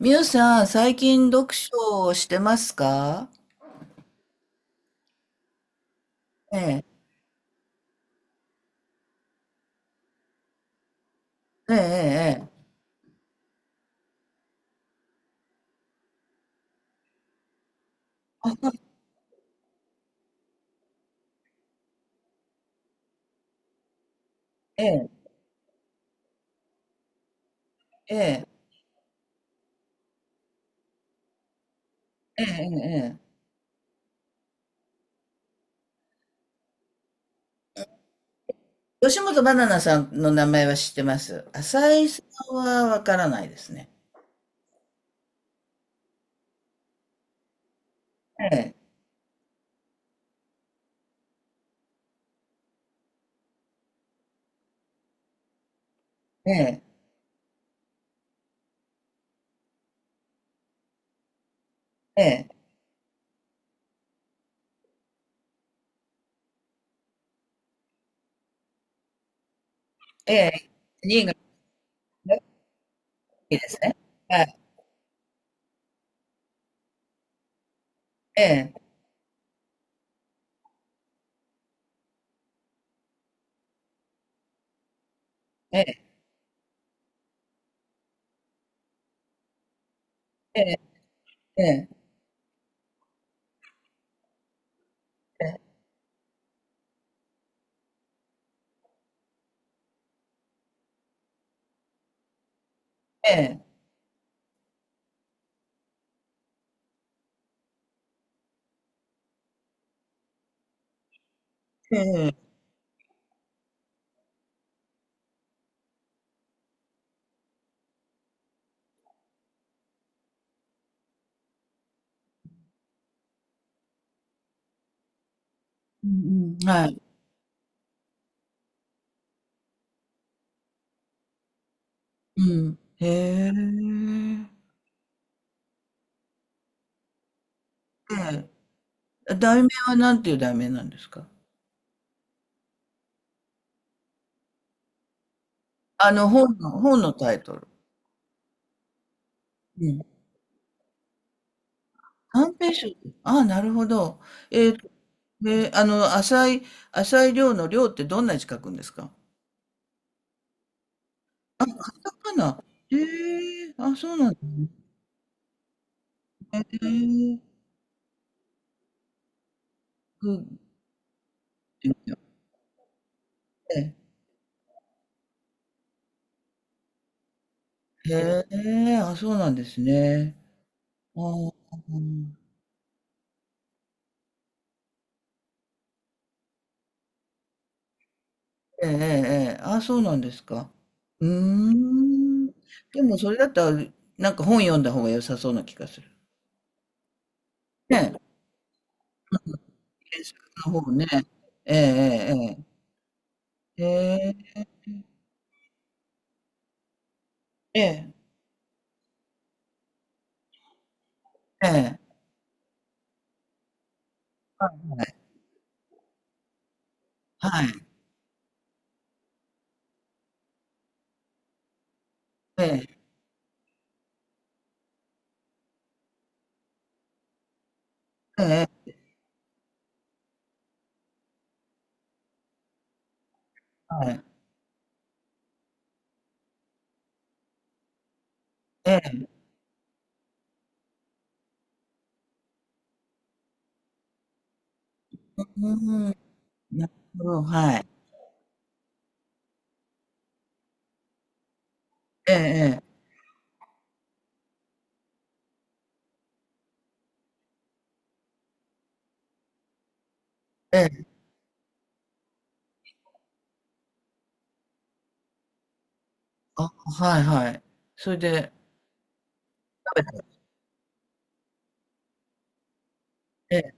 みゆさん、最近読書をしてますか？ええ、ええ、ええ、ええ、ええ、ええ、ええ。吉本ばななさんの名前は知ってます。浅井さんはわからないですね。ええ、ええ、ええ、ええ、新潟が好きですね。はい、ええ、ええ、ええ、ええ、ええ、ええ、うんうん、はい、うん、へえ、ええ、題名はなんていう題名なんですか？本のタイトル。短編集。ああ、なるほど。えっと、で、浅い量の量ってどんな字書くんですか？カタカナ。ええ、あ、そうなんですね。ええって言って。ええ、あ、そうなんですね。あー、ええええ、ええ、あ、そうなんですか。うーん。でも、それだったら、なんか本読んだ方が良さそうな気がする。ねえ、検索の方ね。ええええええええええええ、はい。ええ、ええええ、はい。ええ。うーん。なるほど、はい。ええええ、ええ。あ、はいはい。それで。食べた。ええ、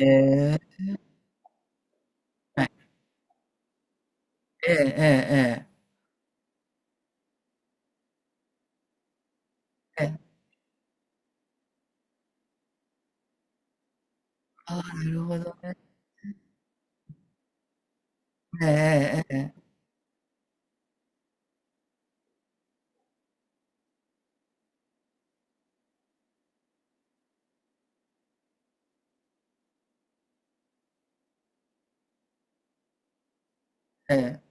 ええ、はい。ええええええ。ええ。ああ、なるほどね。ええええええ。ええ。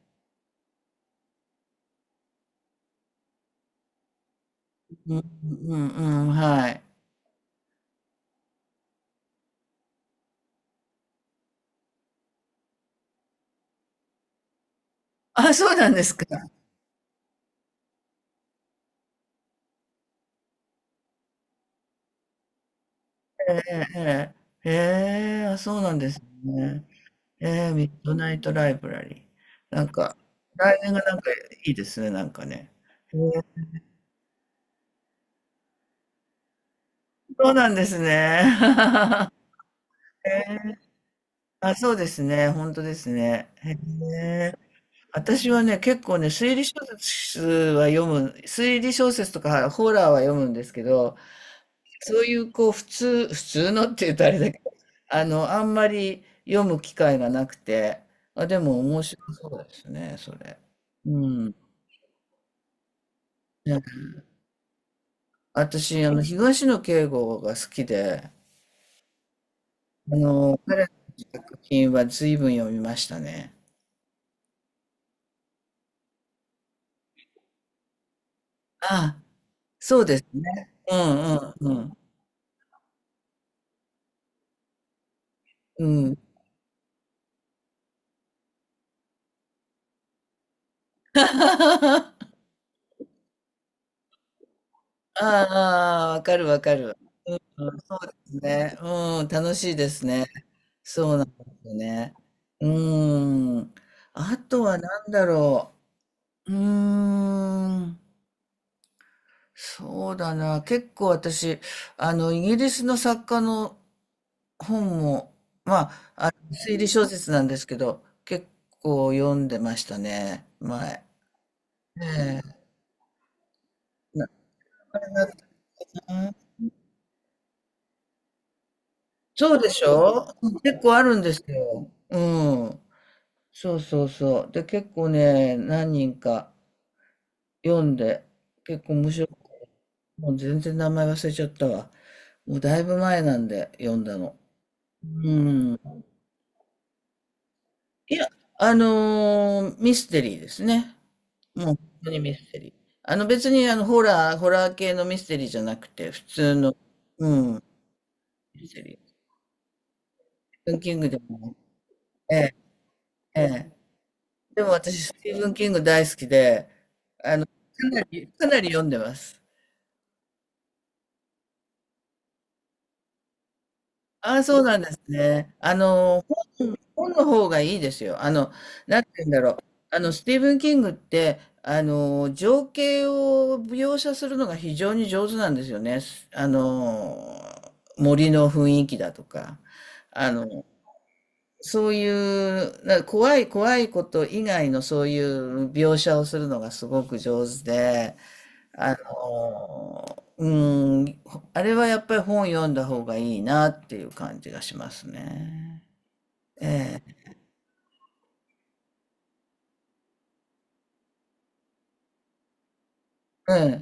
うんうんうん、はい。あ、そうなんですか。ええええええ。へえ、あ、そうなんですね。ええ、ミッドナイトライブラリー。なんか、題名がなんかいいですね、なんかね。え。そうなんですね。へー、あ、そうですね。本当ですね。へえ。私はね、結構ね、推理小説は読む、推理小説とかホラーは読むんですけど、そういうこう、普通のって言うとあれだけど、あんまり読む機会がなくて、あ、でも面白そうですね、それ。うん。ね、私、東野圭吾が好きで、彼の作品は随分読みましたね。あ、そうですね。うんうんうん。うん。ああ、あ、わかるわかる。うん、そうですね。うん、楽しいですね。そうなんですよね。うーん。あとは何だろう。うーん。そうだな。結構私、イギリスの作家の本も、まあ、推理小説なんですけど、結構読んでましたね、前。ええ、な、そうでしょ？結構あるんですよ。うん。そうそうそう。で、結構ね、何人か読んで、結構面白い。もう全然名前忘れちゃったわ。もうだいぶ前なんで読んだの。うん。いや、ミステリーですね。もう本当にミステリー。別にホラー系のミステリーじゃなくて、普通の、うん、ミステリー。スティーブン・キングでも、ええ、ええ。でも私、スティーブン・キング大好きで、かなり、かなり読んでます。ああ、そうなんですね。本の方がいいですよ。なんて言うんだろう。スティーブン・キングって、情景を描写するのが非常に上手なんですよね。すあの、森の雰囲気だとか、あの、そういう、な、怖い怖いこと以外のそういう描写をするのがすごく上手で、あのうん、あれはやっぱり本読んだ方がいいなっていう感じがしますね。ええ、ええ、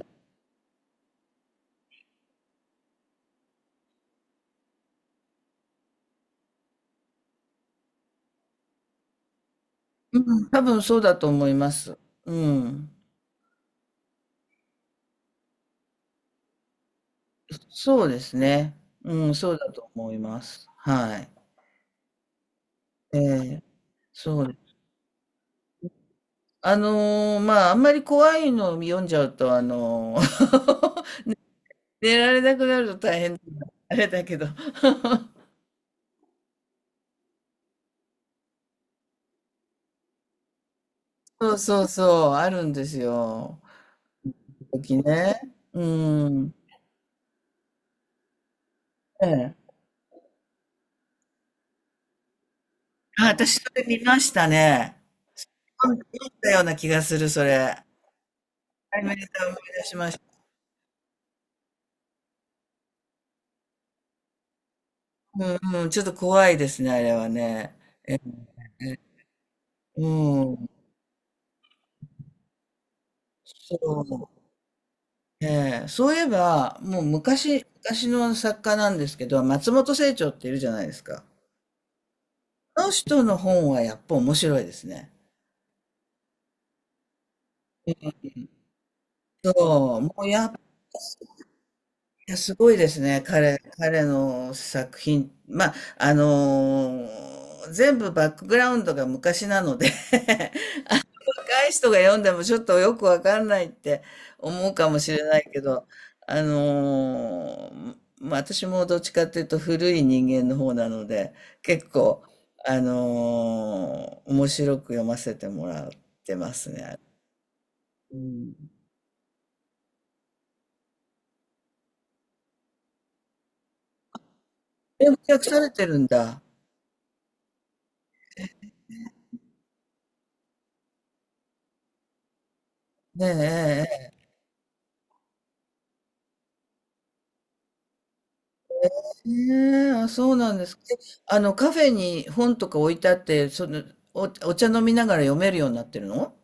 うん、多分そうだと思います。うん、そうですね。うん、そうだと思います。はい。ええ、そうです。まあ、あんまり怖いのを読んじゃうと、寝られなくなると大変、あれだけど。そうそうそう、あるんですよ。時々ね。うん。ええ。あ、私それ見ましたね。読ん、見たような気がする、それ。アニメーター思い出しました。うんうん、ちょっと怖いですね、あれはね。え、うん。そう。ええ、そういえば、もう昔、昔の作家なんですけど、松本清張っているじゃないですか。あの人の本はやっぱ面白いですね。そう、もうやっぱすごいですね、彼の作品。まあ、全部バックグラウンドが昔なので、若い人が読んでもちょっとよくわかんないって思うかもしれないけど、まあ私もどっちかっていうと古い人間の方なので、結構、面白く読ませてもらってますね。うん。で、訳されてるんだ。ねえ、ええ、ええ、あ、そうなんですか。で、カフェに本とか置いてあって、その、お、お茶飲みながら読めるようになってるの？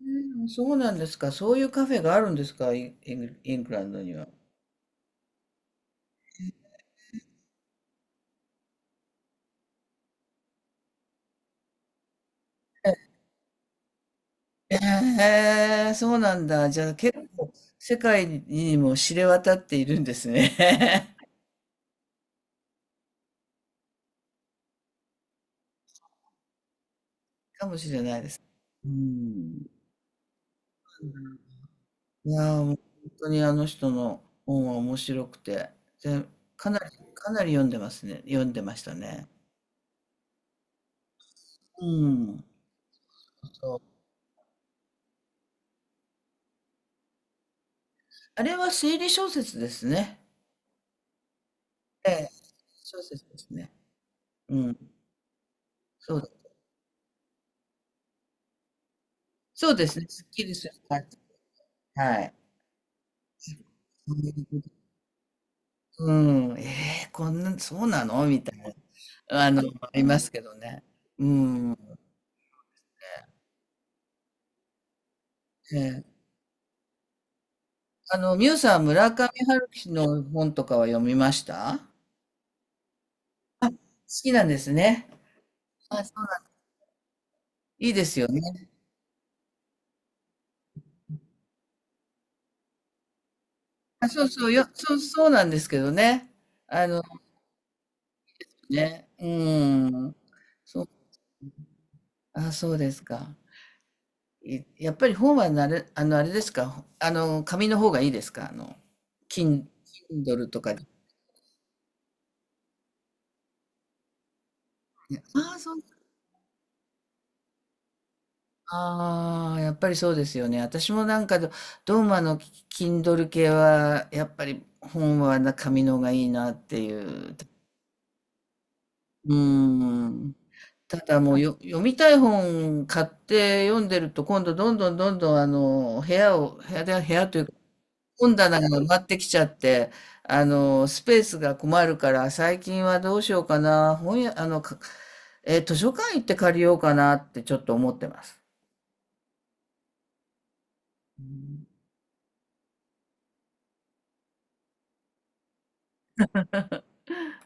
うん、そうなんですか。そういうカフェがあるんですか、イングランドには？ええー、そうなんだ。じゃあ、結構世界にも知れ渡っているんですね。かもしれないです。うん。いやー、もう本当にあの人の本は面白くて、で、かなり、かなり読んでますね。読んでましたね。うん。そう。あれは推理小説ですね。ええ、小説ですね。うん。そう、そうですね。すっきりする感じ。はい。そういうこと、うん、こんな、そうなのみたいな、ありますけどね。うん。ええ、ミュウさん、村上春樹の本とかは読みました？好きなんですね。あ、そうなん、いいですよね。あ、そうそう、そうなんですけどね。あの、ね、うん。そう、あ、そうですか。いやっぱり本はなれ、あれですか。紙の方がいいですか。キン、Kindle とかで？ああ、そう。ああ、やっぱりそうですよね。私もなんかどうもKindle 系は、やっぱり本はな紙の方がいいなっていう。うん。ただもう、読みたい本買って読んでると、今度どんどんどんどん部屋を、部屋で、部屋というか、本棚が埋まってきちゃって、スペースが困るから、最近はどうしようかな、本屋、か、図書館行って借りようかなってちょっと思ってます。